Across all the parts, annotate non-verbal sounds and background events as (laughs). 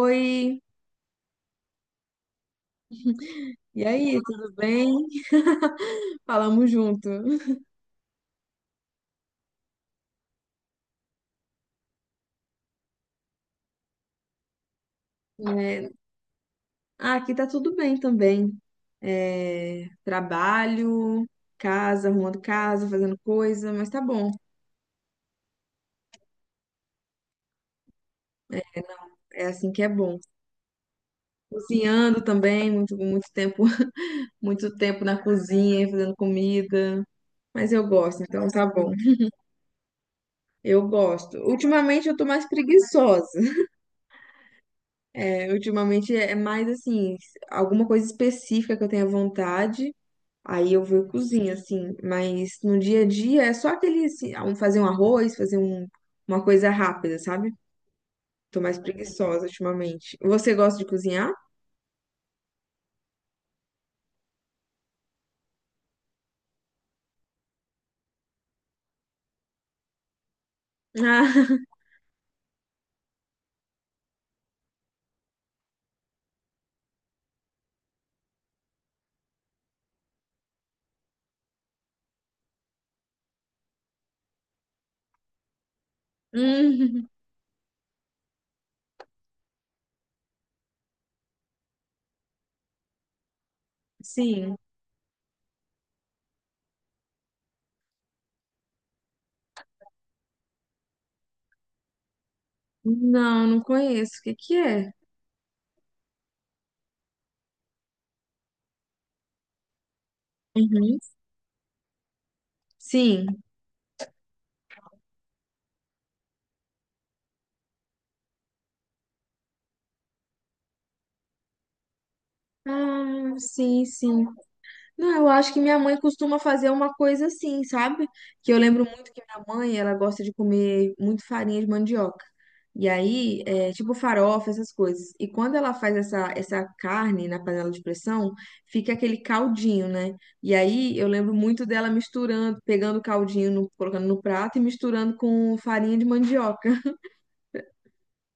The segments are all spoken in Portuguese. Oi, e aí, tudo bem? (laughs) Falamos junto. É, ah, aqui tá tudo bem também. É, trabalho, casa, arrumando casa, fazendo coisa, mas tá bom. É, é assim que é bom. Cozinhando também, muito, muito tempo, (laughs) muito tempo na cozinha, fazendo comida. Mas eu gosto, então tá bom. Eu gosto. Ultimamente eu tô mais preguiçosa. É, ultimamente é mais assim, alguma coisa específica que eu tenha vontade. Aí eu vou e cozinho, assim, mas no dia a dia é só aquele, assim, ah, fazer um arroz, fazer um, uma coisa rápida, sabe? Tô mais preguiçosa ultimamente. Você gosta de cozinhar? Ah, (laughs) hum, sim. Não, não conheço. O que que é? Uhum. Sim. Ah, sim, sim. Não, eu acho que minha mãe costuma fazer uma coisa assim, sabe? Que eu lembro muito que minha mãe, ela gosta de comer muito farinha de mandioca. E aí, é, tipo farofa, essas coisas. E quando ela faz essa carne na panela de pressão, fica aquele caldinho, né? E aí, eu lembro muito dela misturando, pegando o caldinho, colocando no prato e misturando com farinha de mandioca.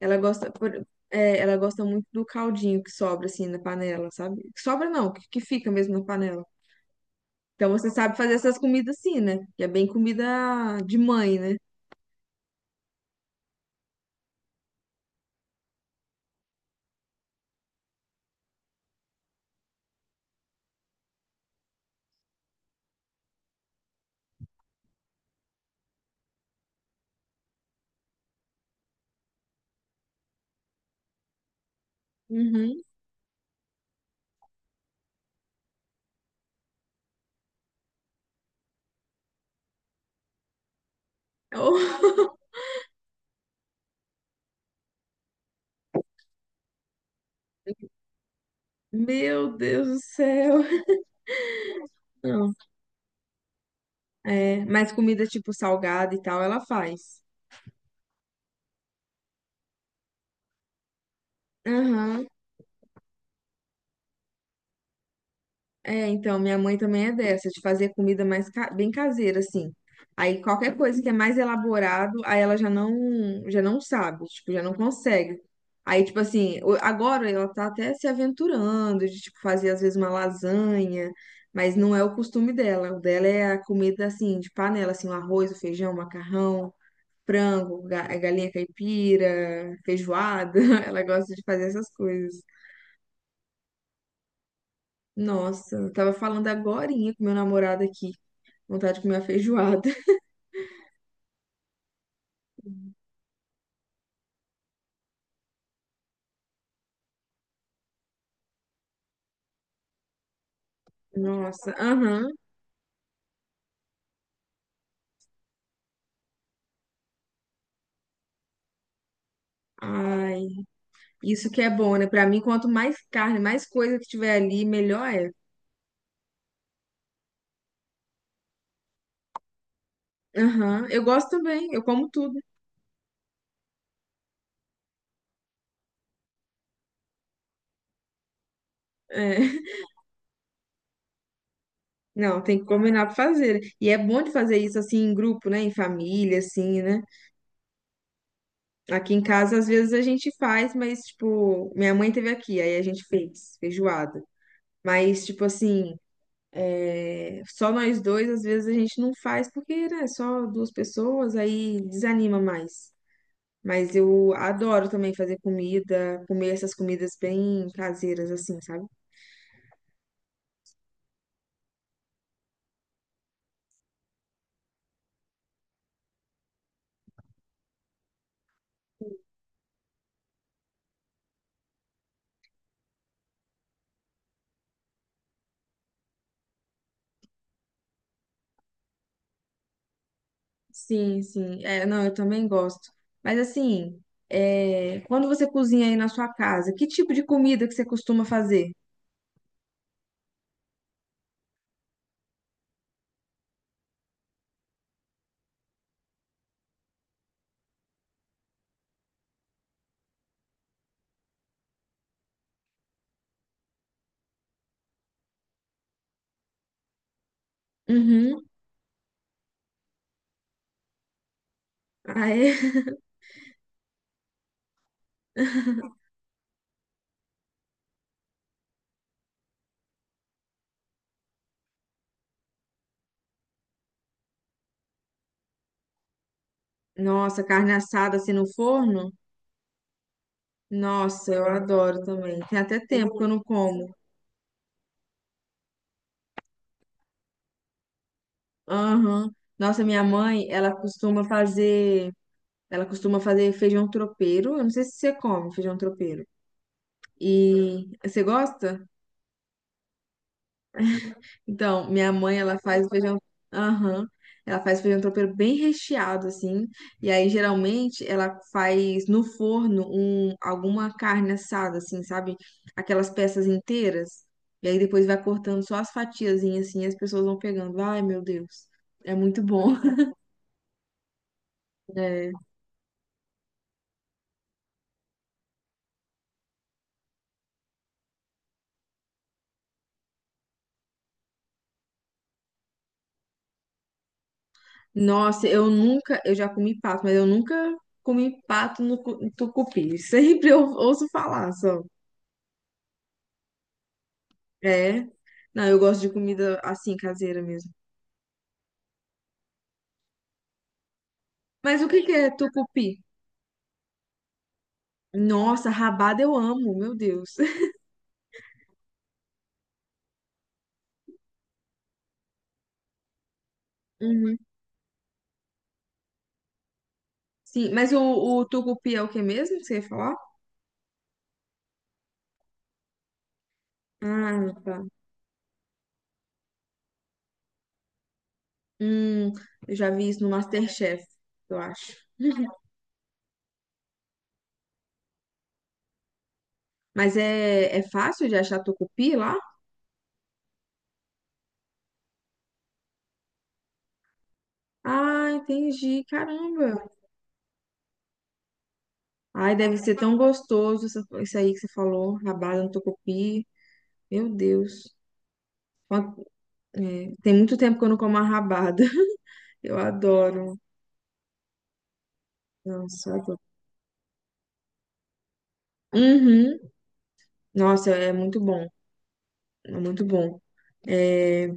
Ela é, ela gosta muito do caldinho que sobra, assim, na panela, sabe? Que sobra não, que fica mesmo na panela. Então você sabe fazer essas comidas assim, né? Que é bem comida de mãe, né? Uhum. Oh, (laughs) meu Deus do céu. Não. É, mas comida tipo salgada e tal, ela faz. Aham. É, então, minha mãe também é dessa, de fazer comida mais bem caseira, assim. Aí qualquer coisa que é mais elaborado, aí ela já não sabe, tipo, já não consegue. Aí, tipo assim, agora ela tá até se aventurando de, tipo, fazer às vezes uma lasanha, mas não é o costume dela. O dela é a comida, assim, de panela, assim, o arroz, o feijão, o macarrão, frango, galinha caipira, feijoada. (laughs) Ela gosta de fazer essas coisas. Nossa, eu tava falando agorinha com meu namorado aqui. Vontade de comer uma feijoada. (laughs) Nossa, aham. Ai, isso que é bom, né? Pra mim, quanto mais carne, mais coisa que tiver ali, melhor é. Aham, eu gosto também, eu como tudo. É. (laughs) Não, tem que combinar pra fazer. E é bom de fazer isso assim em grupo, né? Em família, assim, né? Aqui em casa, às vezes a gente faz, mas, tipo, minha mãe teve aqui, aí a gente fez feijoada. Mas, tipo assim, é, só nós dois, às vezes a gente não faz, porque, né? Só duas pessoas, aí desanima mais. Mas eu adoro também fazer comida, comer essas comidas bem caseiras, assim, sabe? Sim, sim. É, não, eu também gosto. Mas assim, é, quando você cozinha aí na sua casa, que tipo de comida que você costuma fazer? Uhum. Ah, é? (laughs) Nossa, carne assada assim no forno? Nossa, eu adoro também. Tem até tempo que eu não como. Aham. Nossa, minha mãe, ela costuma fazer feijão tropeiro. Eu não sei se você come feijão tropeiro. E você gosta? Então, minha mãe, ela faz feijão. Aham. Ela faz feijão tropeiro bem recheado, assim. E aí, geralmente, ela faz no forno um, alguma carne assada, assim, sabe? Aquelas peças inteiras. E aí, depois vai cortando só as fatiazinhas, assim, e as pessoas vão pegando. Ai, meu Deus. É muito bom. (laughs) É. Nossa, eu nunca. Eu já comi pato, mas eu nunca comi pato no tucupi. (laughs) Sempre eu ouço falar só. É. Não, eu gosto de comida assim, caseira mesmo. Mas o que que é tucupi? Nossa, rabada eu amo, meu Deus. (laughs) Uhum. Sim, mas o tucupi é o que mesmo que você ia falar? Ah, tá. Hum, eu já vi isso no MasterChef, eu acho. (laughs) Mas é, é fácil de achar tucupi lá? Ah, entendi. Caramba. Ai, deve ser tão gostoso isso aí que você falou, rabada no tucupi. Meu Deus. Quant- é, tem muito tempo que eu não como a rabada. Eu adoro. Nossa, eu adoro. Uhum. Nossa, é muito bom. É muito bom. É,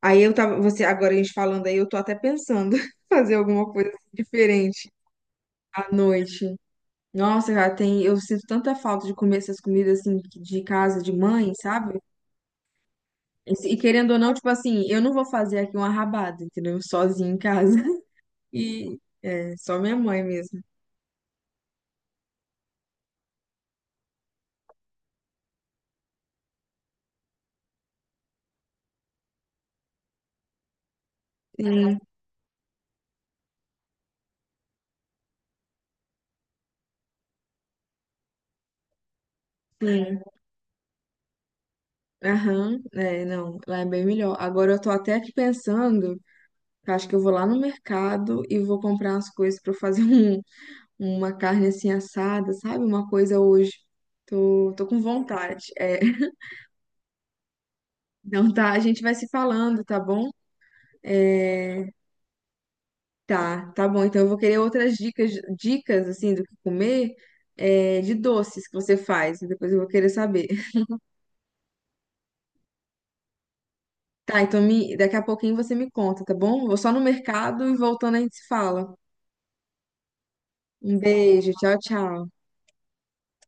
aí eu tava, você, agora a gente falando aí, eu tô até pensando (laughs) fazer alguma coisa diferente à noite. Nossa, cara, tem, eu sinto tanta falta de comer essas comidas assim de casa, de mãe, sabe? E, e querendo ou não, tipo assim, eu não vou fazer aqui uma rabada, entendeu? Sozinha em casa. (laughs) E é, só minha mãe mesmo. Sim, sim. Aham, é, não, lá é bem melhor. Agora eu tô até aqui pensando. Eu acho que eu vou lá no mercado e vou comprar umas coisas pra eu fazer (laughs) um, uma carne assim assada, sabe? Uma coisa hoje. Tô com vontade. É. (laughs) Então tá, a gente vai se falando, tá bom? É, tá bom. Então eu vou querer outras dicas, dicas assim do que comer, é, de doces que você faz. Né? Depois eu vou querer saber. (laughs) Tá, então me, daqui a pouquinho você me conta, tá bom? Vou só no mercado e voltando a gente se fala. Um beijo, tchau, tchau.